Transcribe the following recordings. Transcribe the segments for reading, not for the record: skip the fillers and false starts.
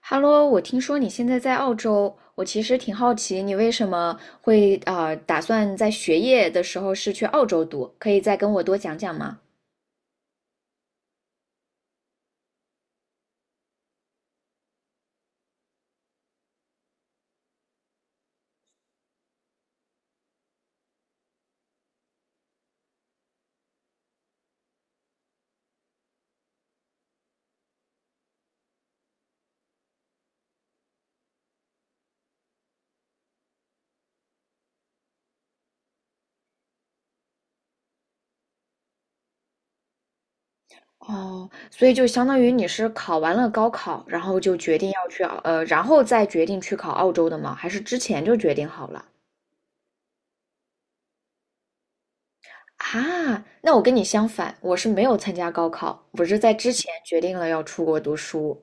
哈喽，我听说你现在在澳洲，我其实挺好奇你为什么会打算在学业的时候是去澳洲读，可以再跟我多讲讲吗？哦，所以就相当于你是考完了高考，然后就决定要去澳，然后再决定去考澳洲的吗？还是之前就决定好了？啊，那我跟你相反，我是没有参加高考，我是在之前决定了要出国读书，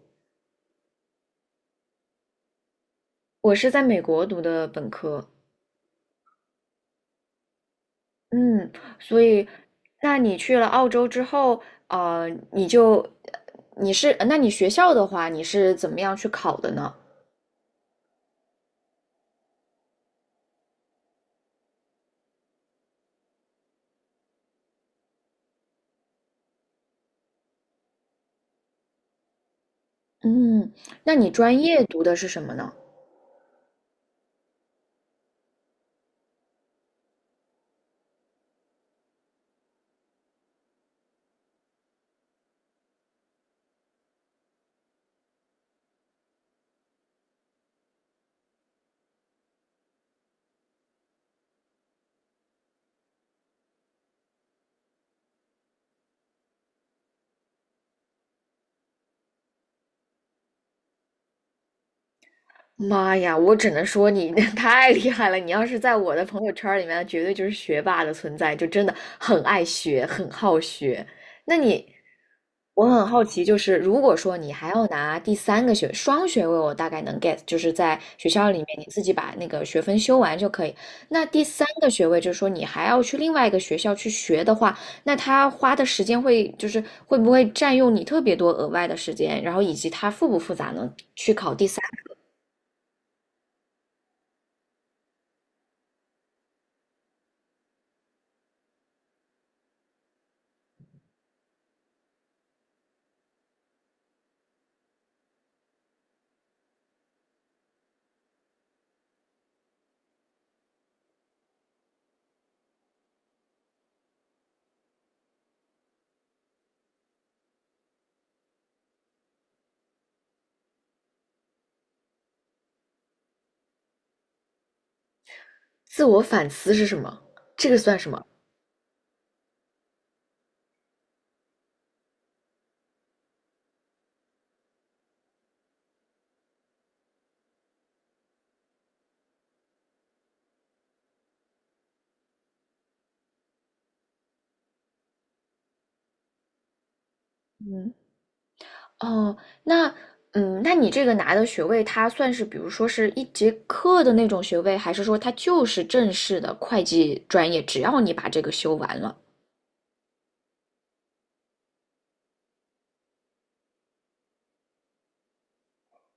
我是在美国读的本科。嗯，所以，那你去了澳洲之后，呃，你就，你是，那你学校的话，你是怎么样去考的呢？嗯，那你专业读的是什么呢？妈呀，我只能说你 太厉害了！你要是在我的朋友圈儿里面，绝对就是学霸的存在，就真的很爱学，很好学。那你，我很好奇，就是如果说你还要拿第三个学双学位，我大概能 get，就是在学校里面你自己把那个学分修完就可以。那第三个学位，就是说你还要去另外一个学校去学的话，那他花的时间会就是会不会占用你特别多额外的时间，然后以及它复不复杂呢？去考第三。自我反思是什么？这个算什么？嗯，哦，那嗯，那你这个拿的学位，它算是比如说是一节课的那种学位，还是说它就是正式的会计专业，只要你把这个修完了？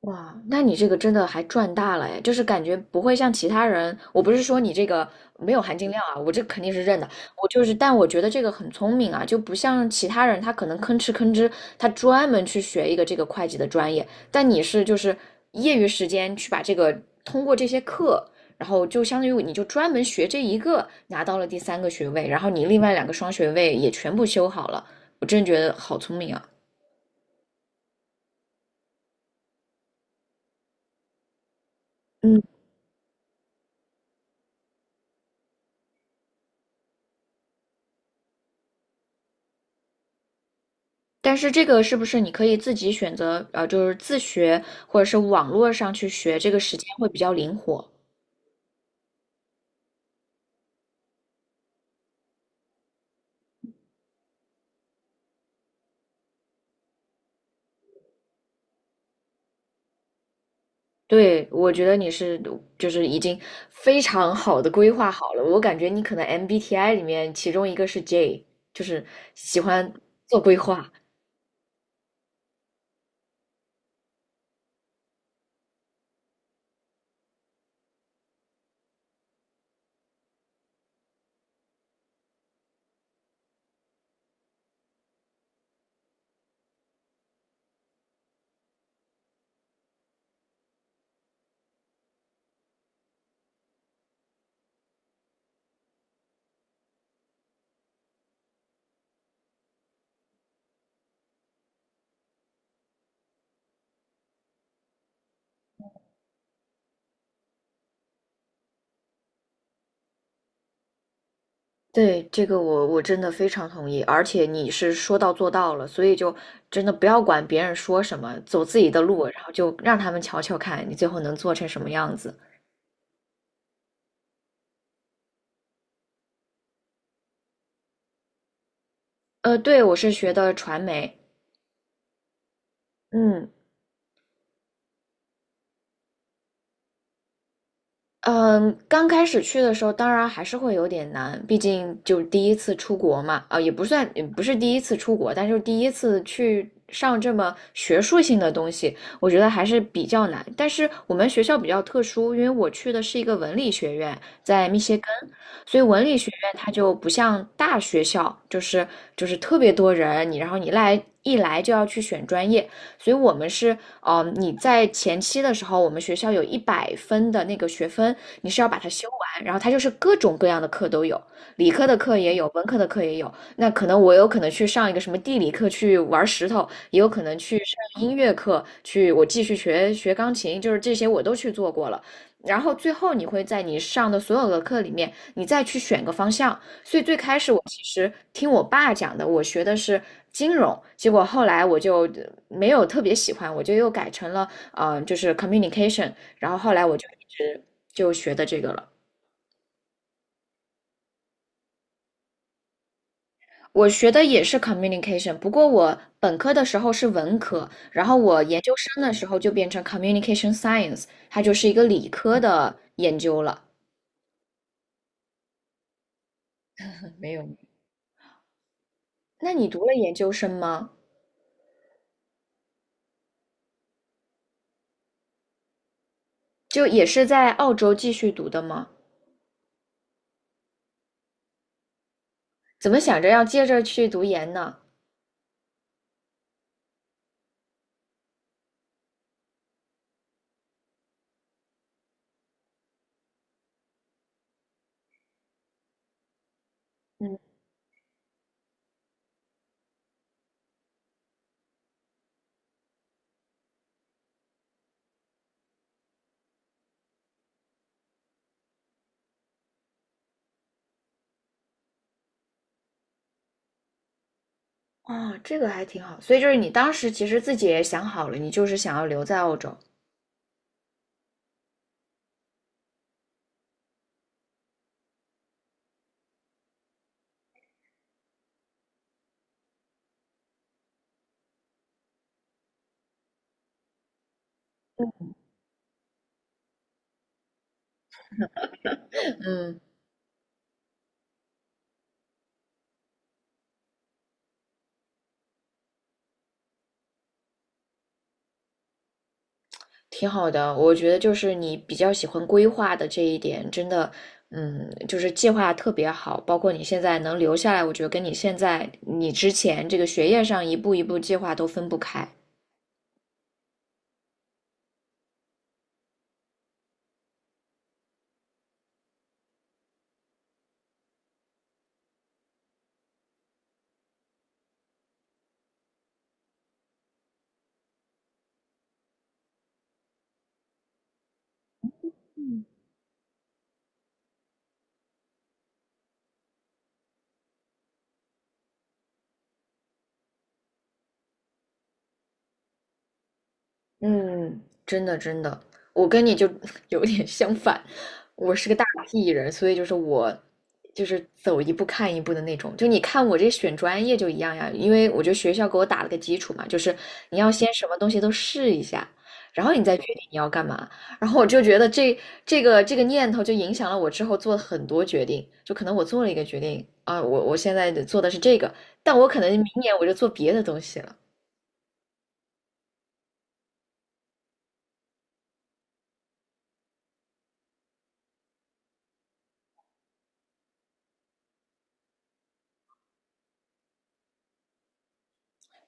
哇，那你这个真的还赚大了哎，就是感觉不会像其他人，我不是说你这个没有含金量啊，我这肯定是认的，我就是，但我觉得这个很聪明啊，就不像其他人，他可能吭哧吭哧，他专门去学一个这个会计的专业，但你是就是业余时间去把这个通过这些课，然后就相当于你就专门学这一个，拿到了第三个学位，然后你另外两个双学位也全部修好了，我真觉得好聪明啊。嗯。但是这个是不是你可以自己选择，就是自学或者是网络上去学，这个时间会比较灵活。对，我觉得你是就是已经非常好的规划好了。我感觉你可能 MBTI 里面其中一个是 J，就是喜欢做规划。对，这个我真的非常同意，而且你是说到做到了，所以就真的不要管别人说什么，走自己的路，然后就让他们瞧瞧看你最后能做成什么样子。对，我是学的传媒。嗯。嗯，刚开始去的时候，当然还是会有点难，毕竟就是第一次出国嘛，啊、也不算，也不是第一次出国，但是第一次去上这么学术性的东西，我觉得还是比较难。但是我们学校比较特殊，因为我去的是一个文理学院，在密歇根，所以文理学院它就不像大学校，就是特别多人，你然后你来一来就要去选专业，所以我们是你在前期的时候，我们学校有一百分的那个学分，你是要把它修完，然后它就是各种各样的课都有，理科的课也有，文科的课也有。那可能我有可能去上一个什么地理课去玩石头，也有可能去上音乐课去，我继续学学钢琴，就是这些我都去做过了。然后最后你会在你上的所有的课里面，你再去选个方向，所以最开始我其实听我爸讲的，我学的是金融，结果后来我就没有特别喜欢，我就又改成了就是 communication，然后后来我就一直就学的这个了。我学的也是 communication，不过我本科的时候是文科，然后我研究生的时候就变成 communication science，它就是一个理科的研究了。没有。那你读了研究生吗？就也是在澳洲继续读的吗？怎么想着要接着去读研呢？哦，这个还挺好。所以就是你当时其实自己也想好了，你就是想要留在澳洲。嗯，挺好的。我觉得就是你比较喜欢规划的这一点，真的，嗯，就是计划特别好。包括你现在能留下来，我觉得跟你现在你之前这个学业上一步一步计划都分不开。嗯，真的真的，我跟你就 有点相反，我是个大 P 人，所以就是我就是走一步看一步的那种。就你看我这选专业就一样呀，因为我觉得学校给我打了个基础嘛，就是你要先什么东西都试一下，然后你再决定你要干嘛。然后我就觉得这个念头就影响了我之后做了很多决定，就可能我做了一个决定啊，我现在做的是这个，但我可能明年我就做别的东西了。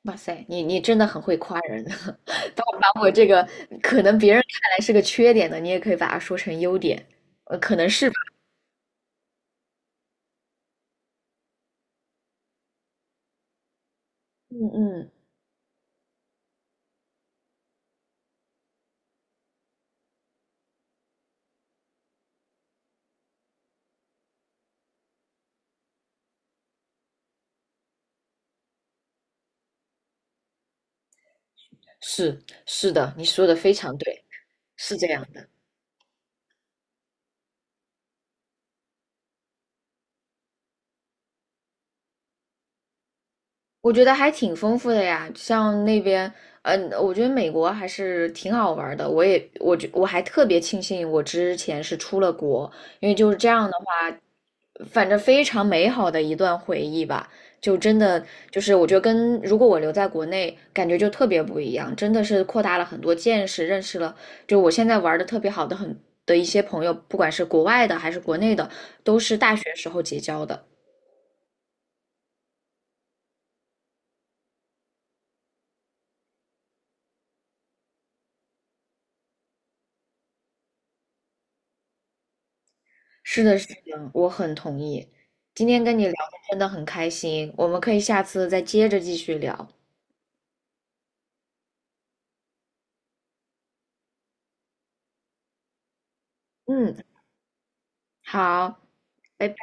哇塞，你真的很会夸人，把我这个可能别人看来是个缺点的，你也可以把它说成优点，可能是吧。嗯。嗯，是是的，你说的非常对，是这样的。我觉得还挺丰富的呀，像那边，嗯、我觉得美国还是挺好玩儿的。我也，我觉我还特别庆幸我之前是出了国，因为就是这样的话，反正非常美好的一段回忆吧。就真的就是我觉得跟如果我留在国内，感觉就特别不一样，真的是扩大了很多见识，认识了就我现在玩的特别好的很的一些朋友，不管是国外的还是国内的，都是大学时候结交的。是的，是的，我很同意。今天跟你聊的真的很开心，我们可以下次再接着继续聊。嗯，好，拜拜。